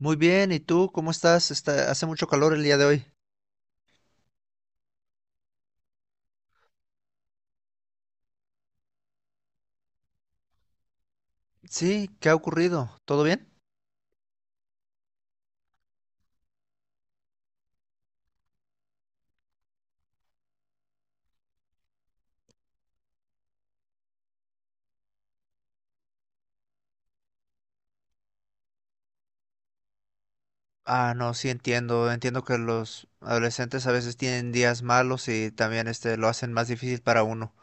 Muy bien, ¿y tú cómo estás? Hace mucho calor el día de hoy. Sí, ¿qué ha ocurrido? ¿Todo bien? Ah, no, sí entiendo. Entiendo que los adolescentes a veces tienen días malos y también lo hacen más difícil para uno.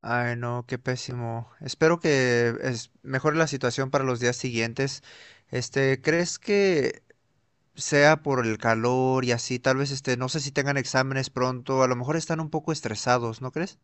Ay, no, qué pésimo. Espero que mejore la situación para los días siguientes. ¿Crees que sea por el calor y así? Tal vez no sé si tengan exámenes pronto, a lo mejor están un poco estresados, ¿no crees?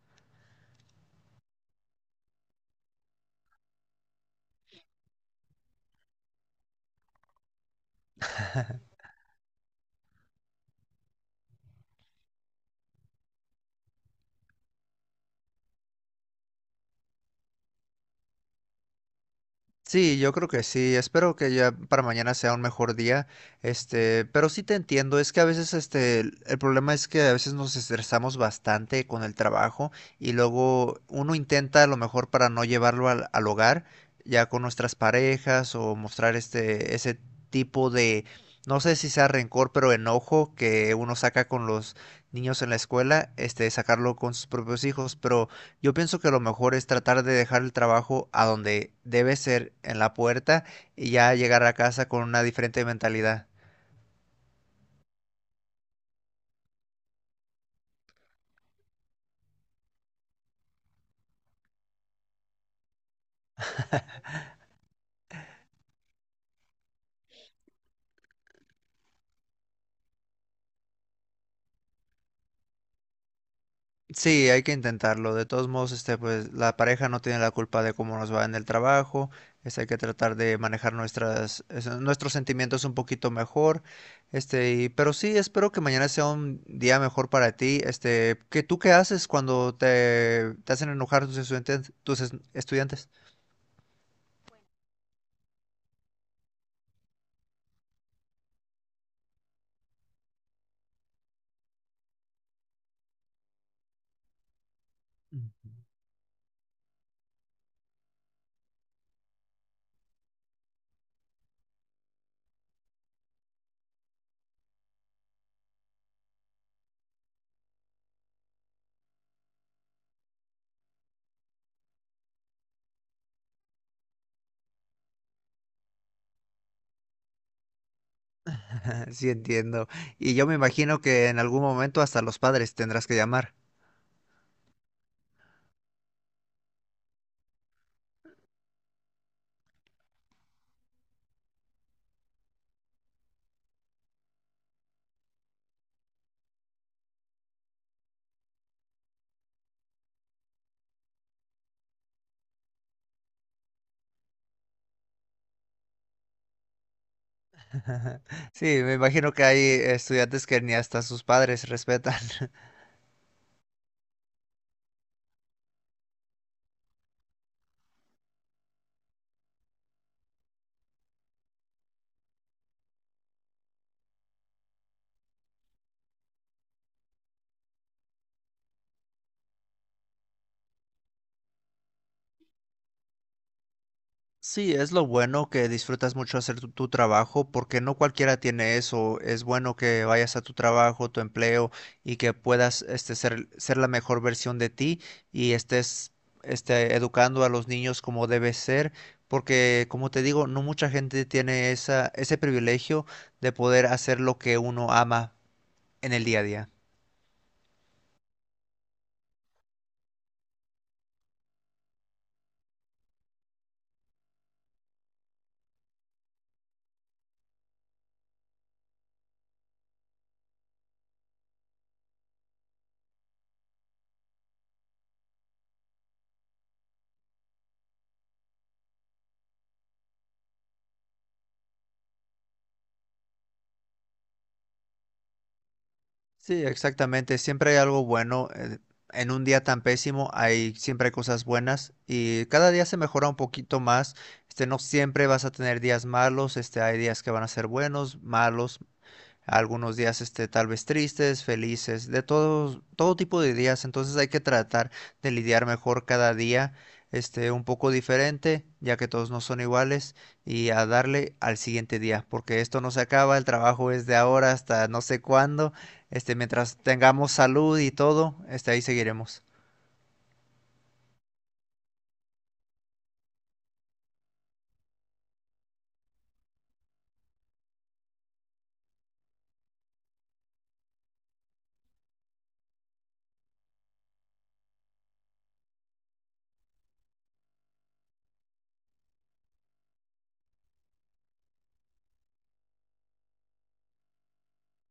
Sí, yo creo que sí. Espero que ya para mañana sea un mejor día. Pero sí te entiendo. Es que a veces, el problema es que a veces nos estresamos bastante con el trabajo y luego uno intenta a lo mejor para no llevarlo al hogar, ya con nuestras parejas o mostrar ese tipo de, no sé si sea rencor, pero enojo que uno saca con los niños en la escuela, sacarlo con sus propios hijos, pero yo pienso que lo mejor es tratar de dejar el trabajo a donde debe ser, en la puerta, y ya llegar a casa con una diferente mentalidad. Sí, hay que intentarlo. De todos modos, pues la pareja no tiene la culpa de cómo nos va en el trabajo. Hay que tratar de manejar nuestras, nuestros sentimientos un poquito mejor. Pero sí, espero que mañana sea un día mejor para ti. ¿Qué tú qué haces cuando te hacen enojar tus estudiantes, tus estudiantes? Sí, entiendo. Y yo me imagino que en algún momento hasta los padres tendrás que llamar. Sí, me imagino que hay estudiantes que ni hasta sus padres respetan. Sí, es lo bueno que disfrutas mucho hacer tu trabajo, porque no cualquiera tiene eso. Es bueno que vayas a tu trabajo, tu empleo, y que puedas ser la mejor versión de ti y estés educando a los niños como debe ser, porque como te digo, no mucha gente tiene ese privilegio de poder hacer lo que uno ama en el día a día. Sí, exactamente. Siempre hay algo bueno. En un día tan pésimo hay siempre hay cosas buenas y cada día se mejora un poquito más. No siempre vas a tener días malos. Hay días que van a ser buenos, malos, algunos días tal vez tristes, felices, de todo, todo tipo de días. Entonces hay que tratar de lidiar mejor cada día, un poco diferente, ya que todos no son iguales, y a darle al siguiente día, porque esto no se acaba, el trabajo es de ahora hasta no sé cuándo, mientras tengamos salud y todo, ahí seguiremos.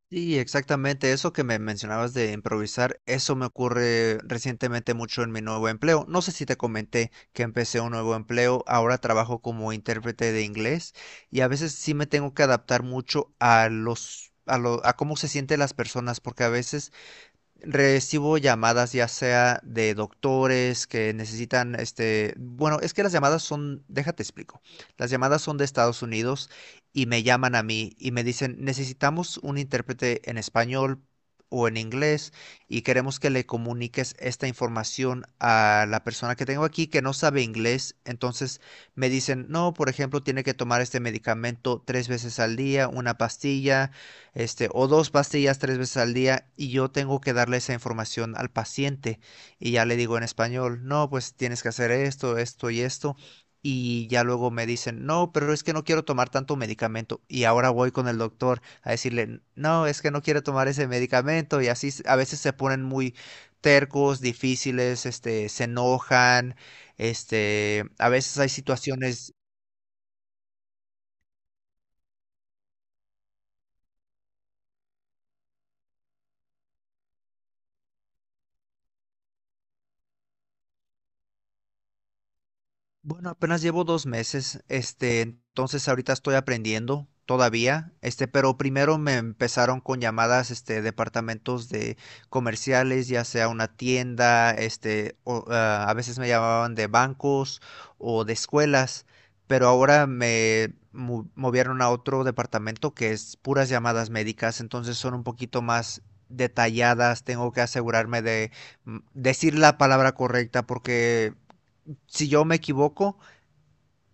Sí, exactamente. Eso que me mencionabas de improvisar, eso me ocurre recientemente mucho en mi nuevo empleo. No sé si te comenté que empecé un nuevo empleo. Ahora trabajo como intérprete de inglés y a veces sí me tengo que adaptar mucho a a cómo se sienten las personas, porque a veces recibo llamadas ya sea de doctores que necesitan, bueno, es que las llamadas son, déjate explico, las llamadas son de Estados Unidos y me llaman a mí y me dicen, necesitamos un intérprete en español o en inglés y queremos que le comuniques esta información a la persona que tengo aquí que no sabe inglés. Entonces me dicen, no, por ejemplo, tiene que tomar este medicamento tres veces al día, una pastilla, o dos pastillas tres veces al día, y yo tengo que darle esa información al paciente y ya le digo en español, no, pues tienes que hacer esto, esto y esto. Y ya luego me dicen, no, pero es que no quiero tomar tanto medicamento. Y ahora voy con el doctor a decirle, no, es que no quiero tomar ese medicamento. Y así a veces se ponen muy tercos, difíciles, se enojan, a veces hay situaciones. Bueno, apenas llevo dos meses, entonces ahorita estoy aprendiendo todavía, pero primero me empezaron con llamadas, departamentos de comerciales, ya sea una tienda, a veces me llamaban de bancos o de escuelas, pero ahora me movieron a otro departamento que es puras llamadas médicas, entonces son un poquito más detalladas, tengo que asegurarme de decir la palabra correcta porque si yo me equivoco,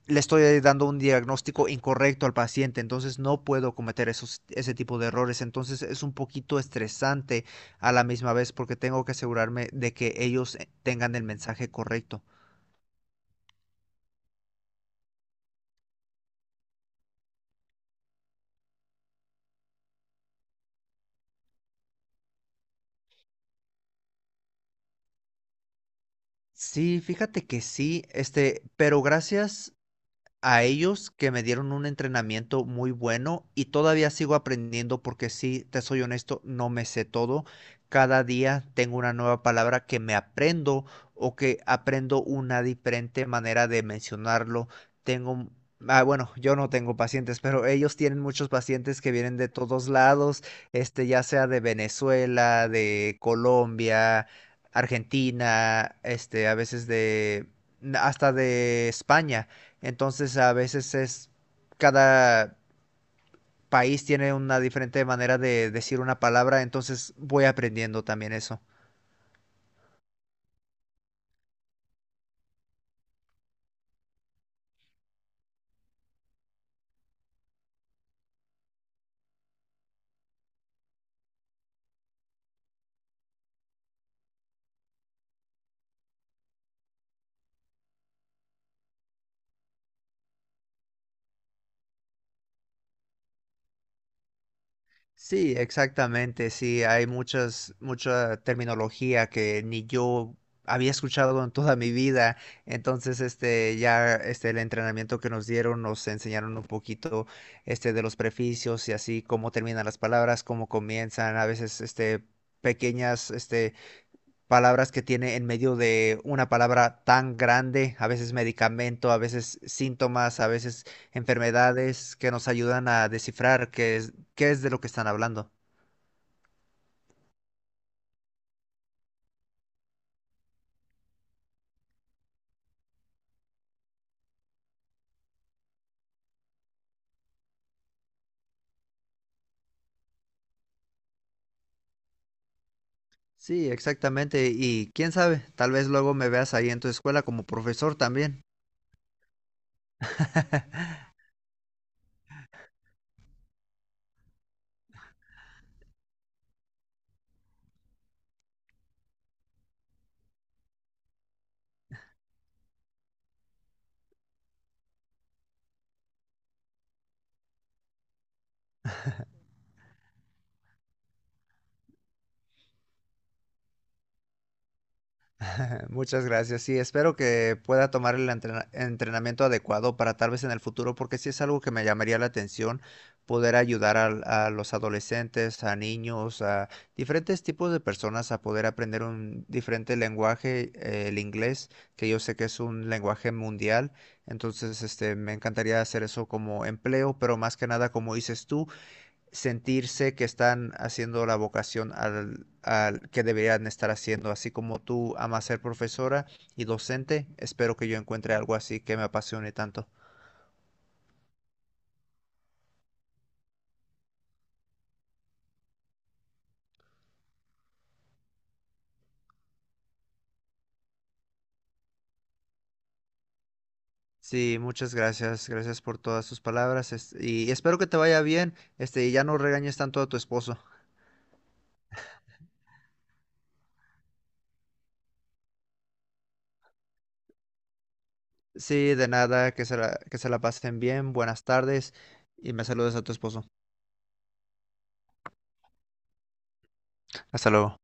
le estoy dando un diagnóstico incorrecto al paciente, entonces no puedo cometer ese tipo de errores. Entonces es un poquito estresante a la misma vez porque tengo que asegurarme de que ellos tengan el mensaje correcto. Sí, fíjate que sí, pero gracias a ellos que me dieron un entrenamiento muy bueno y todavía sigo aprendiendo porque sí, te soy honesto, no me sé todo. Cada día tengo una nueva palabra que me aprendo o que aprendo una diferente manera de mencionarlo. Tengo, bueno, yo no tengo pacientes, pero ellos tienen muchos pacientes que vienen de todos lados, ya sea de Venezuela, de Colombia, Argentina, a veces de hasta de España. Entonces a veces es, cada país tiene una diferente manera de decir una palabra, entonces voy aprendiendo también eso. Sí, exactamente, sí, hay mucha terminología que ni yo había escuchado en toda mi vida. Entonces, el entrenamiento que nos dieron nos enseñaron un poquito, de los preficios y así, cómo terminan las palabras, cómo comienzan, a veces, pequeñas, palabras que tiene en medio de una palabra tan grande, a veces medicamento, a veces síntomas, a veces enfermedades que nos ayudan a descifrar qué es de lo que están hablando. Sí, exactamente. Y quién sabe, tal vez luego me veas ahí en tu escuela como profesor también. Muchas gracias. Sí, espero que pueda tomar el entrenamiento adecuado para tal vez en el futuro, porque sí es algo que me llamaría la atención, poder ayudar los adolescentes, a niños, a diferentes tipos de personas a poder aprender un diferente lenguaje, el inglés, que yo sé que es un lenguaje mundial. Entonces, me encantaría hacer eso como empleo, pero más que nada, como dices tú, sentirse que están haciendo la vocación al que deberían estar haciendo. Así como tú amas ser profesora y docente, espero que yo encuentre algo así que me apasione tanto. Sí, muchas gracias, gracias por todas sus palabras y espero que te vaya bien, y ya no regañes tanto a tu esposo. Sí, de nada, que que se la pasen bien, buenas tardes y me saludes a tu esposo. Hasta luego.